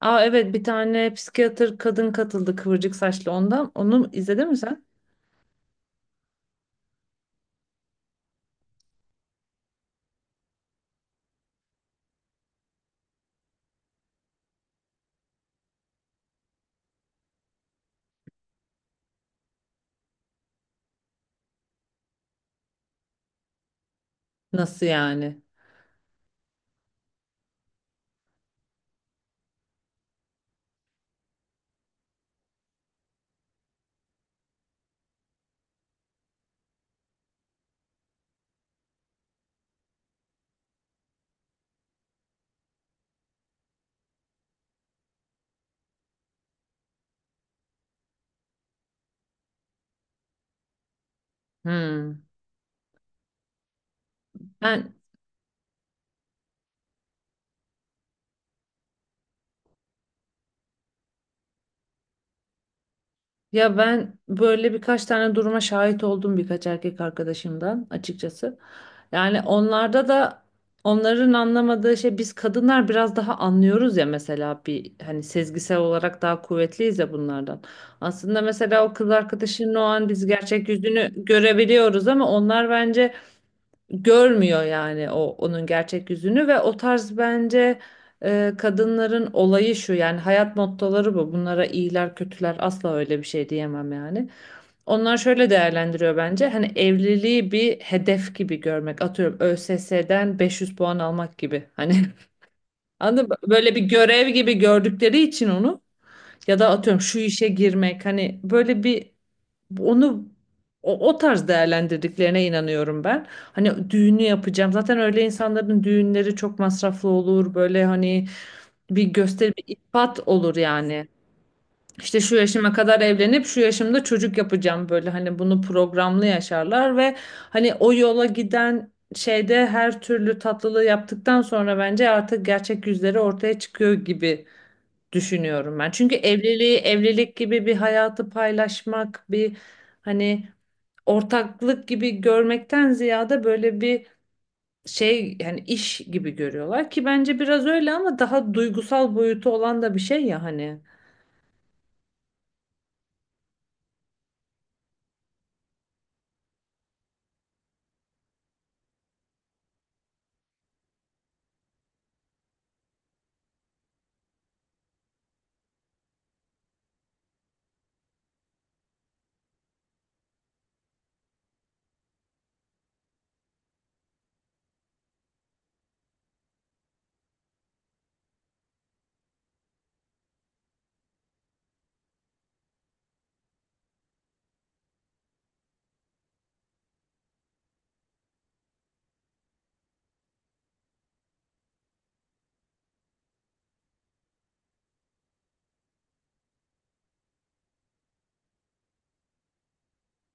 Aa evet, bir tane psikiyatr kadın katıldı kıvırcık saçlı ondan. Onu izledin mi sen? Nasıl yani? Hmm. Ben ya ben böyle birkaç tane duruma şahit oldum, birkaç erkek arkadaşımdan açıkçası. Yani onlarda da, onların anlamadığı şey, biz kadınlar biraz daha anlıyoruz ya. Mesela bir hani sezgisel olarak daha kuvvetliyiz ya bunlardan. Aslında mesela o kız arkadaşının o an biz gerçek yüzünü görebiliyoruz, ama onlar bence görmüyor yani, o onun gerçek yüzünü. Ve o tarz bence kadınların olayı şu, yani hayat mottoları bu. Bunlara iyiler kötüler asla öyle bir şey diyemem yani. Onlar şöyle değerlendiriyor bence. Hani evliliği bir hedef gibi görmek. Atıyorum ÖSS'den 500 puan almak gibi. Hani anladın mı? Böyle bir görev gibi gördükleri için onu, ya da atıyorum şu işe girmek hani, böyle bir onu, o tarz değerlendirdiklerine inanıyorum ben. Hani düğünü yapacağım. Zaten öyle insanların düğünleri çok masraflı olur. Böyle hani bir gösteri, bir ifat olur yani. İşte şu yaşıma kadar evlenip şu yaşımda çocuk yapacağım, böyle hani bunu programlı yaşarlar. Ve hani o yola giden şeyde her türlü tatlılığı yaptıktan sonra bence artık gerçek yüzleri ortaya çıkıyor gibi düşünüyorum ben. Çünkü evliliği, evlilik gibi bir hayatı paylaşmak, bir hani ortaklık gibi görmekten ziyade, böyle bir şey yani, iş gibi görüyorlar ki bence biraz öyle, ama daha duygusal boyutu olan da bir şey ya hani.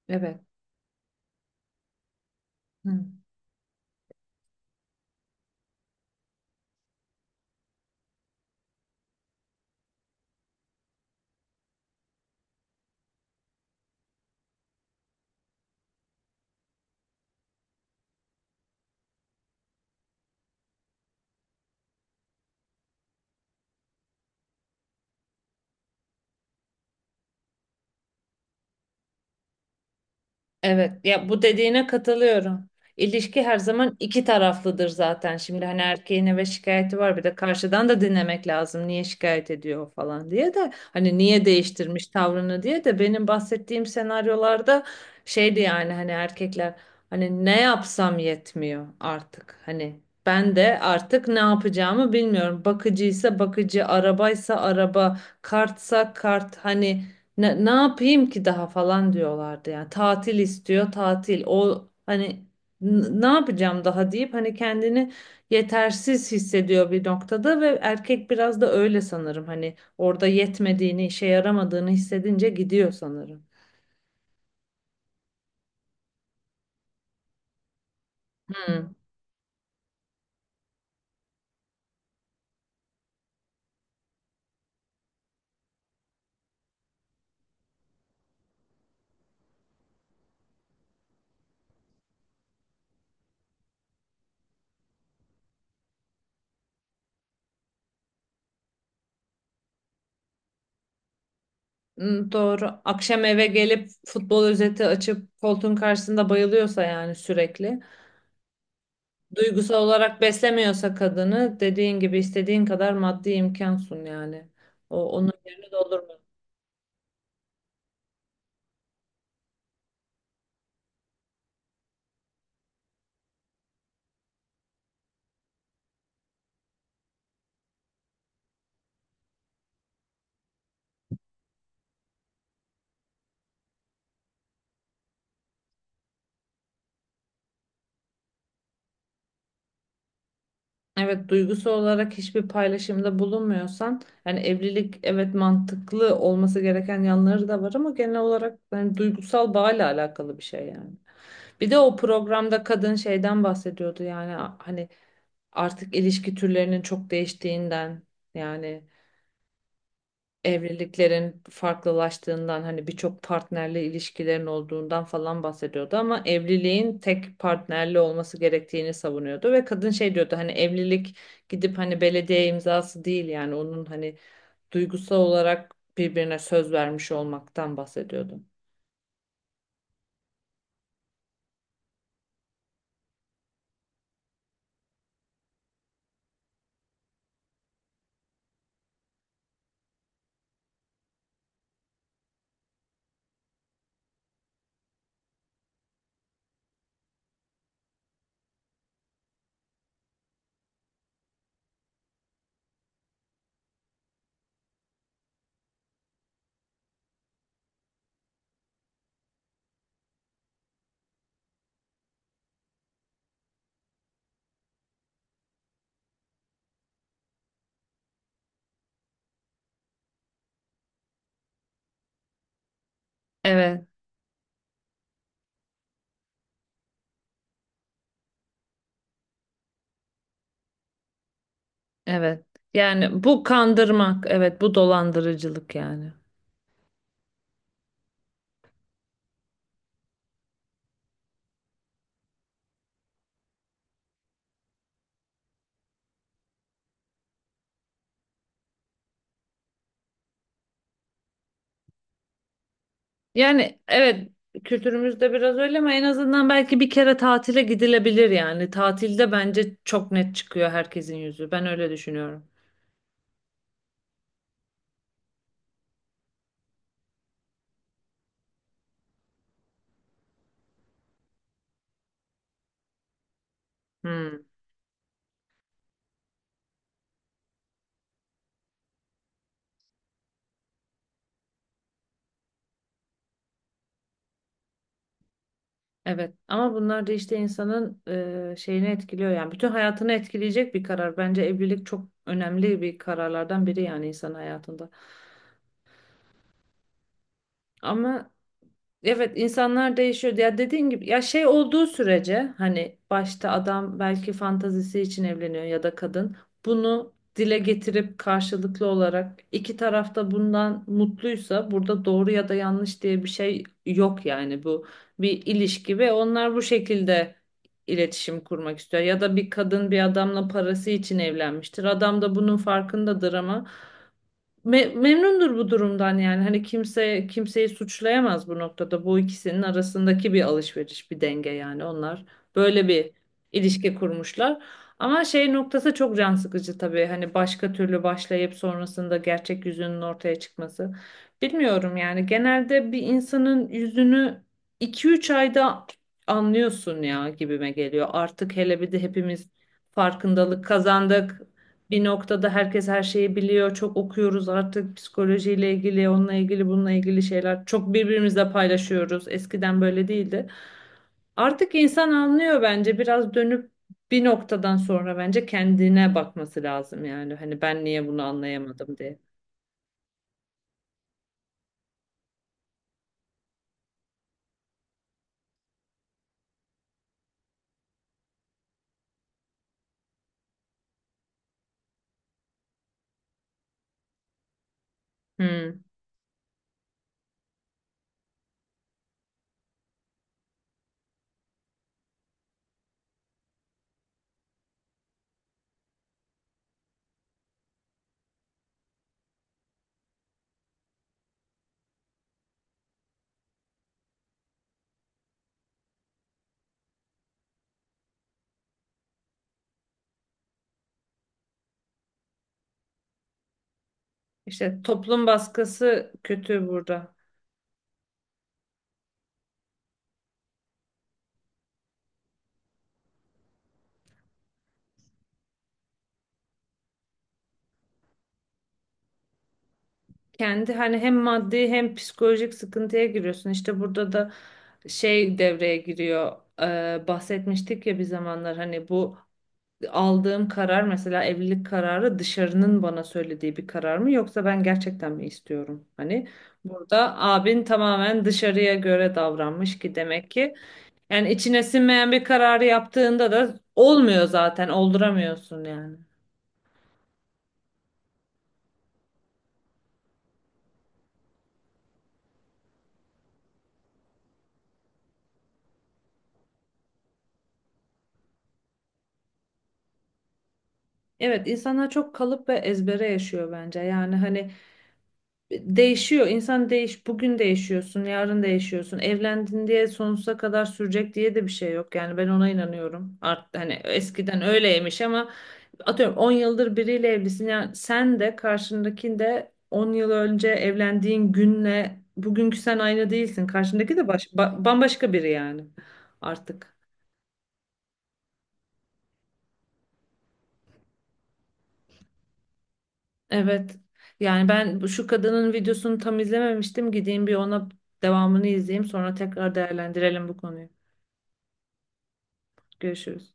Evet. Hı. Evet, ya bu dediğine katılıyorum. İlişki her zaman iki taraflıdır zaten. Şimdi hani erkeğin eve şikayeti var, bir de karşıdan da dinlemek lazım. Niye şikayet ediyor o falan diye de, hani niye değiştirmiş tavrını diye de, benim bahsettiğim senaryolarda şeydi yani, hani erkekler, hani ne yapsam yetmiyor artık. Hani ben de artık ne yapacağımı bilmiyorum. Bakıcıysa bakıcı, arabaysa araba, kartsa kart, hani ne, ne yapayım ki daha falan diyorlardı. Yani tatil istiyor tatil, o hani ne yapacağım daha deyip hani kendini yetersiz hissediyor bir noktada. Ve erkek biraz da öyle sanırım, hani orada yetmediğini, işe yaramadığını hissedince gidiyor sanırım. Hmm. Hmm, doğru. Akşam eve gelip futbol özeti açıp koltuğun karşısında bayılıyorsa yani, sürekli. Duygusal olarak beslemiyorsa kadını, dediğin gibi istediğin kadar maddi imkan sun yani. O, onun yerini doldurmuyor. Evet, duygusu olarak hiçbir paylaşımda bulunmuyorsan yani evlilik, evet mantıklı olması gereken yanları da var, ama genel olarak yani duygusal bağla alakalı bir şey yani. Bir de o programda kadın şeyden bahsediyordu yani, hani artık ilişki türlerinin çok değiştiğinden, yani evliliklerin farklılaştığından, hani birçok partnerli ilişkilerin olduğundan falan bahsediyordu. Ama evliliğin tek partnerli olması gerektiğini savunuyordu ve kadın şey diyordu, hani evlilik gidip hani belediye imzası değil yani, onun hani duygusal olarak birbirine söz vermiş olmaktan bahsediyordu. Evet, evet. Yani bu kandırmak, evet bu dolandırıcılık yani. Yani evet, kültürümüzde biraz öyle, ama en azından belki bir kere tatile gidilebilir yani. Tatilde bence çok net çıkıyor herkesin yüzü. Ben öyle düşünüyorum. Hmm. Evet, ama bunlar da işte insanın şeyini etkiliyor yani. Bütün hayatını etkileyecek bir karar. Bence evlilik çok önemli bir kararlardan biri yani insan hayatında. Ama evet, insanlar değişiyor. Ya dediğin gibi, ya şey olduğu sürece, hani başta adam belki fantazisi için evleniyor ya da kadın, bunu dile getirip karşılıklı olarak iki taraf da bundan mutluysa, burada doğru ya da yanlış diye bir şey yok yani. Bu bir ilişki ve onlar bu şekilde iletişim kurmak istiyor. Ya da bir kadın bir adamla parası için evlenmiştir. Adam da bunun farkındadır, ama memnundur bu durumdan yani. Hani kimse kimseyi suçlayamaz bu noktada. Bu ikisinin arasındaki bir alışveriş, bir denge yani. Onlar böyle bir ilişki kurmuşlar. Ama şey noktası çok can sıkıcı tabii. Hani başka türlü başlayıp sonrasında gerçek yüzünün ortaya çıkması. Bilmiyorum yani. Genelde bir insanın yüzünü iki üç ayda anlıyorsun ya, gibime geliyor. Artık hele bir de hepimiz farkındalık kazandık bir noktada, herkes her şeyi biliyor. Çok okuyoruz artık, psikolojiyle ilgili, onunla ilgili, bununla ilgili şeyler. Çok birbirimizle paylaşıyoruz. Eskiden böyle değildi. Artık insan anlıyor bence. Biraz dönüp bir noktadan sonra bence kendine bakması lazım yani. Hani ben niye bunu anlayamadım diye. Hmm. İşte toplum baskısı kötü burada. Kendi hani hem maddi hem psikolojik sıkıntıya giriyorsun. İşte burada da şey devreye giriyor. Bahsetmiştik ya bir zamanlar, hani bu aldığım karar mesela, evlilik kararı dışarının bana söylediği bir karar mı, yoksa ben gerçekten mi istiyorum? Hani burada abin tamamen dışarıya göre davranmış, ki demek ki yani içine sinmeyen bir kararı yaptığında da olmuyor, zaten olduramıyorsun yani. Evet, insanlar çok kalıp ve ezbere yaşıyor bence. Yani hani değişiyor. İnsan bugün değişiyorsun, yarın değişiyorsun. Evlendin diye sonsuza kadar sürecek diye de bir şey yok. Yani ben ona inanıyorum. Hani eskiden öyleymiş, ama atıyorum 10 yıldır biriyle evlisin. Yani sen de karşındaki de, 10 yıl önce evlendiğin günle bugünkü sen aynı değilsin. Karşındaki de bambaşka biri yani artık. Evet. Yani ben şu kadının videosunu tam izlememiştim. Gideyim bir ona devamını izleyeyim. Sonra tekrar değerlendirelim bu konuyu. Görüşürüz.